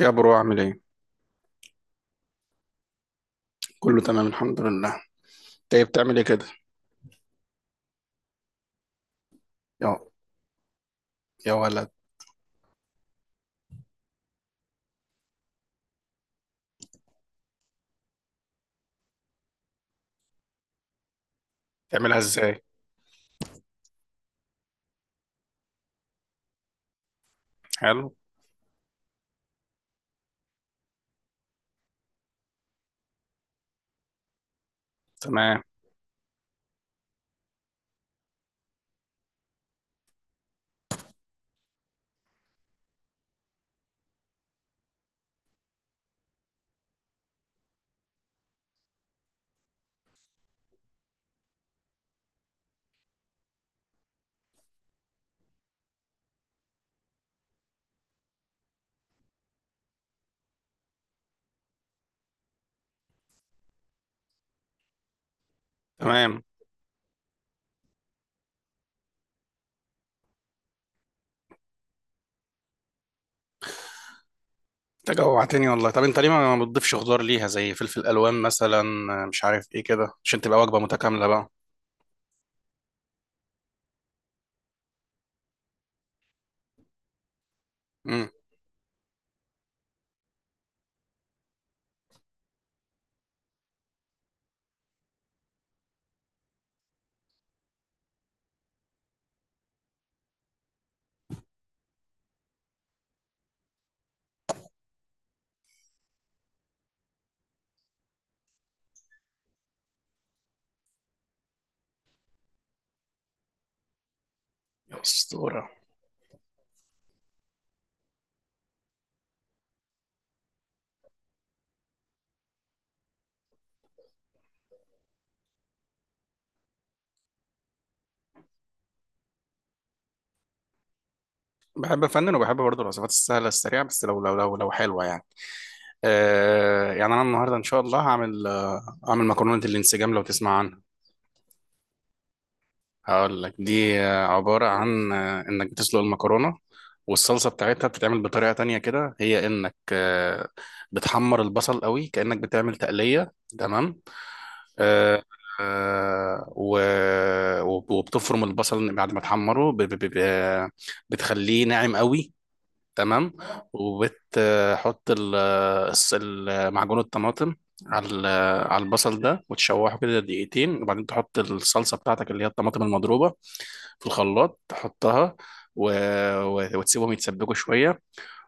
يا برو عامل ايه؟ كله تمام الحمد لله. انت بتعمل ايه كده؟ يا يا ولد، تعملها ازاي؟ حلو. تمام. تمام. انت جوعتني والله. طب انت ليه ما بتضيفش خضار ليها زي فلفل الوان مثلا، مش عارف ايه كده، عشان تبقى وجبة متكاملة بقى. امم يا اسطوره، بحب افنن وبحب برضه الوصفات السهلة السريعة، بس لو لو حلوة يعني. آه يعني انا النهارده ان شاء الله هعمل، هعمل مكرونة الانسجام لو تسمع عنها. هقول لك، دي عبارة عن إنك بتسلق المكرونة، والصلصة بتاعتها بتتعمل بطريقة تانية كده، هي إنك بتحمر البصل قوي كأنك بتعمل تقلية. تمام. آه، وبتفرم البصل بعد ما تحمره بتخليه ناعم قوي. تمام. وبتحط معجون الطماطم على على البصل ده، وتشوحه كده دقيقتين، وبعدين تحط الصلصة بتاعتك اللي هي الطماطم المضروبة في الخلاط، تحطها و... و... وتسيبهم يتسبكوا شوية.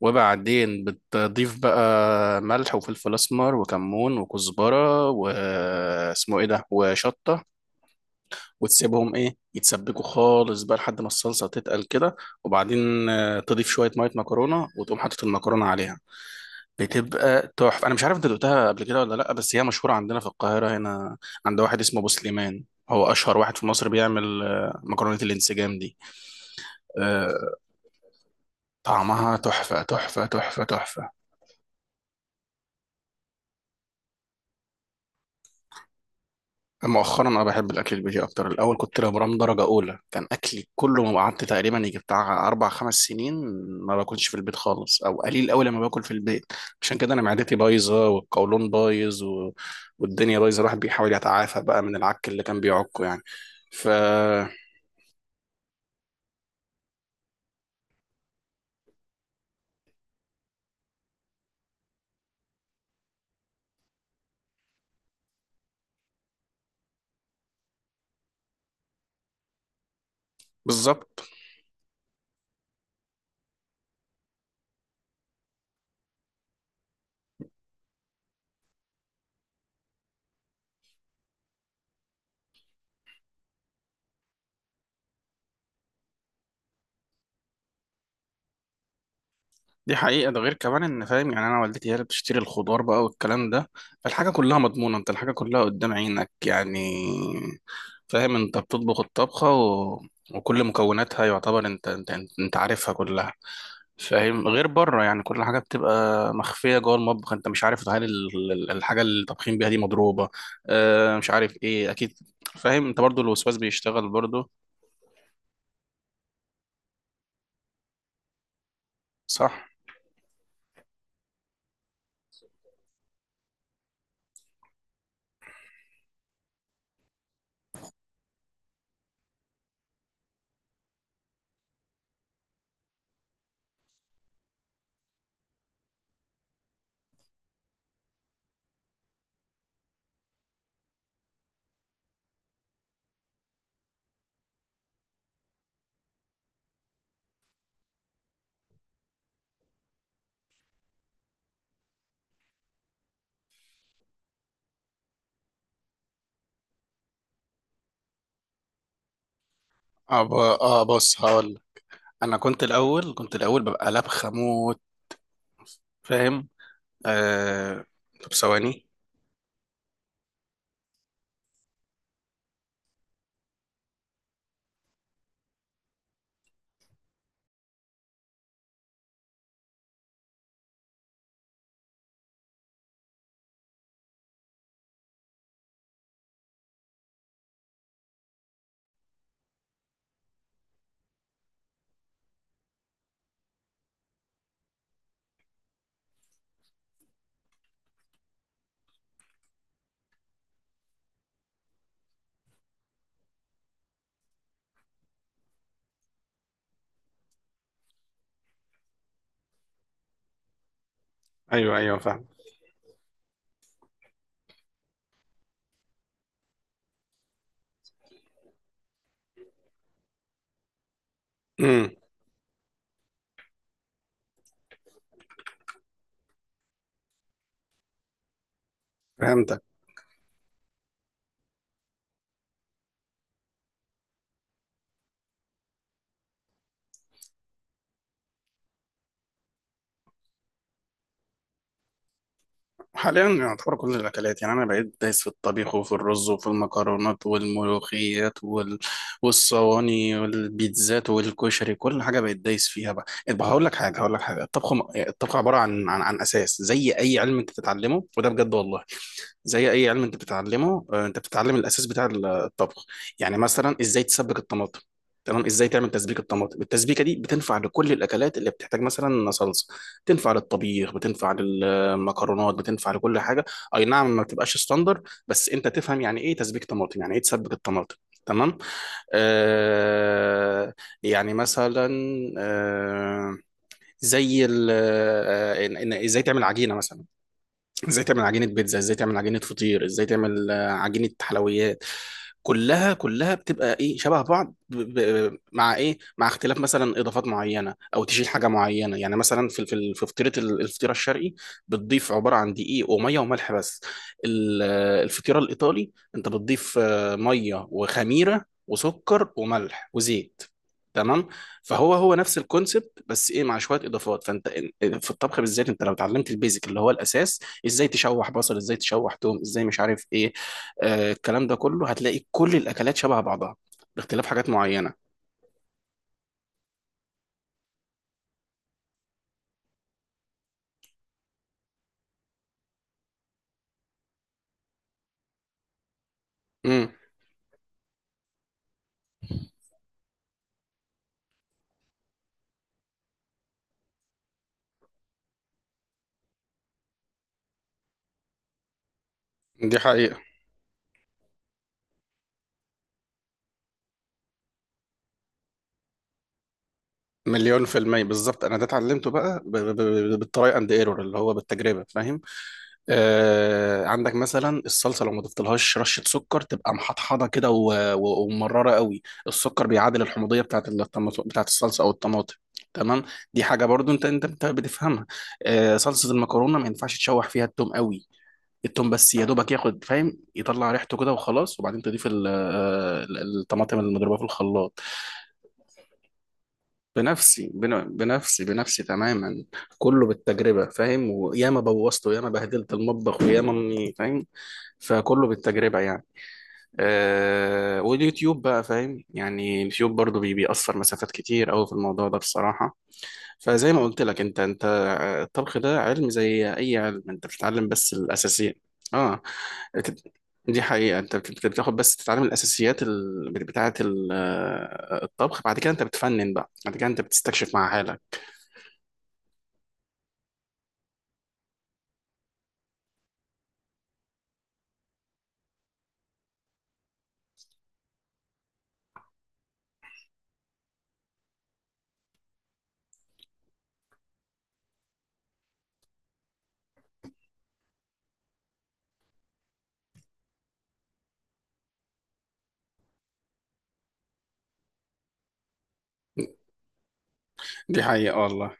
وبعدين بتضيف بقى ملح وفلفل أسمر وكمون وكزبرة واسمه إيه ده وشطة، وتسيبهم إيه يتسبكوا خالص بقى لحد ما الصلصة تتقل كده. وبعدين تضيف شوية مية مكرونة وتقوم حاطط المكرونة عليها. بتبقى تحفة. أنا مش عارف أنت دقتها قبل كده ولا لأ، بس هي مشهورة عندنا في القاهرة هنا، عند واحد اسمه أبو سليمان. هو أشهر واحد في مصر بيعمل مكرونة الانسجام دي. آه، طعمها تحفة تحفة. مؤخرا أنا بحب الأكل البيتي أكتر. الأول كنت لبرام درجة أولى كان أكلي كله. ما قعدت تقريبا يجي بتاع أربع خمس سنين ما باكلش في البيت خالص، أو قليل أوي لما باكل في البيت. عشان كده أنا معدتي بايظة والقولون بايظ و... والدنيا بايظة. الواحد بيحاول يتعافى بقى من العك اللي كان بيعكه يعني. ف، بالظبط. دي حقيقة. ده غير كمان ان فاهم يعني، انا والدتي هي اللي بتشتري الخضار بقى والكلام ده، فالحاجة كلها مضمونة، انت الحاجة كلها قدام عينك يعني. فاهم، انت بتطبخ الطبخة و... وكل مكوناتها، يعتبر انت عارفها كلها. فاهم؟ غير بره يعني كل حاجة بتبقى مخفية جوه المطبخ، انت مش عارف هل الحاجة اللي طابخين بيها دي مضروبة، اه مش عارف ايه، اكيد. فاهم؟ انت برضو الوسواس بيشتغل برضو. صح. اه بص، هقول. انا كنت الاول، كنت الاول، ببقى لبخه موت. فاهم؟ آه... طب ثواني. ايوه ايوه، فاهم. امم فهمتك. حاليا يعتبر كل الاكلات يعني، انا بقيت دايس في الطبيخ وفي الرز وفي المكرونات والملوخيات وال... والصواني والبيتزات والكشري، كل حاجه بقيت دايس فيها بقى. طب هقول لك حاجه، هقول لك حاجه، الطبخ الطبخ عباره عن عن اساس زي اي علم انت تتعلمه، وده بجد والله. زي اي علم انت بتتعلمه، انت بتتعلم الاساس بتاع الطبخ. يعني مثلا ازاي تسبك الطماطم. تمام؟ ازاي تعمل تسبيك الطماطم. التسبيكه دي بتنفع لكل الاكلات اللي بتحتاج مثلا صلصه، بتنفع للطبيخ بتنفع للمكرونات بتنفع لكل حاجه. اي نعم، ما بتبقاش ستاندر، بس انت تفهم يعني ايه تسبيك طماطم، يعني ايه تسبك الطماطم. تمام؟ آه، يعني مثلا، آه، زي ازاي تعمل عجينه مثلا. ازاي تعمل عجينة بيتزا، ازاي تعمل عجينة فطير، ازاي تعمل عجينة حلويات. كلها بتبقى ايه، شبه بعض مع ايه، مع اختلاف مثلا اضافات معينة او تشيل حاجة معينة. يعني مثلا في في فطيرة الفطيرة الشرقي، بتضيف عبارة عن دقيق ومية وملح بس. الفطيرة الايطالي انت بتضيف مية وخميرة وسكر وملح وزيت. تمام؟ فهو، هو نفس الكونسبت، بس ايه، مع شويه اضافات. فانت في الطبخ بالذات، انت لو اتعلمت البيزك اللي هو الاساس، ازاي تشوح بصل، ازاي تشوح توم، ازاي مش عارف ايه، آه الكلام ده كله، هتلاقي كل الاكلات شبه بعضها باختلاف حاجات معينه. امم دي حقيقة. مليون في المية، بالظبط. أنا ده اتعلمته بقى بالتراي أند ايرور، اللي هو بالتجربة. فاهم؟ آه، عندك مثلا الصلصة لو ما ضفتلهاش رشة سكر تبقى محطحضة كده ومررة قوي. السكر بيعادل الحموضية بتاعت الطماط، بتاعت الصلصة أو الطماطم. تمام؟ دي حاجة برضو أنت بتفهمها. آه، صلصة المكرونة ما ينفعش تشوح فيها التوم قوي. التوم بس يا دوبك ياخد، فاهم، يطلع ريحته كده وخلاص، وبعدين تضيف الطماطم المضروبه في الخلاط. بنفسي، تماما. كله بالتجربه، فاهم؟ وياما بوظته، ياما بهدلت المطبخ، وياما اني فاهم. فكله بالتجربه يعني. آه، واليوتيوب بقى، فاهم يعني، اليوتيوب برضو بيأثر مسافات كتير قوي في الموضوع ده بصراحه. فزي ما قلت لك، انت الطبخ ده علم زي اي علم انت بتتعلم بس الاساسيات. اه. بت- دي حقيقة. انت بتاخد بس تتعلم الاساسيات بتاعة ال... آه، الطبخ، بعد كده انت بتفنن بقى، بعد كده انت بتستكشف مع حالك. دي حقيقة والله.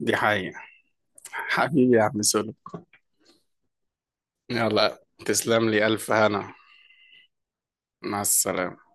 دي حقيقة. حبيبي يا عم سولو. يلا تسلم لي الف هنا. مع السلامة.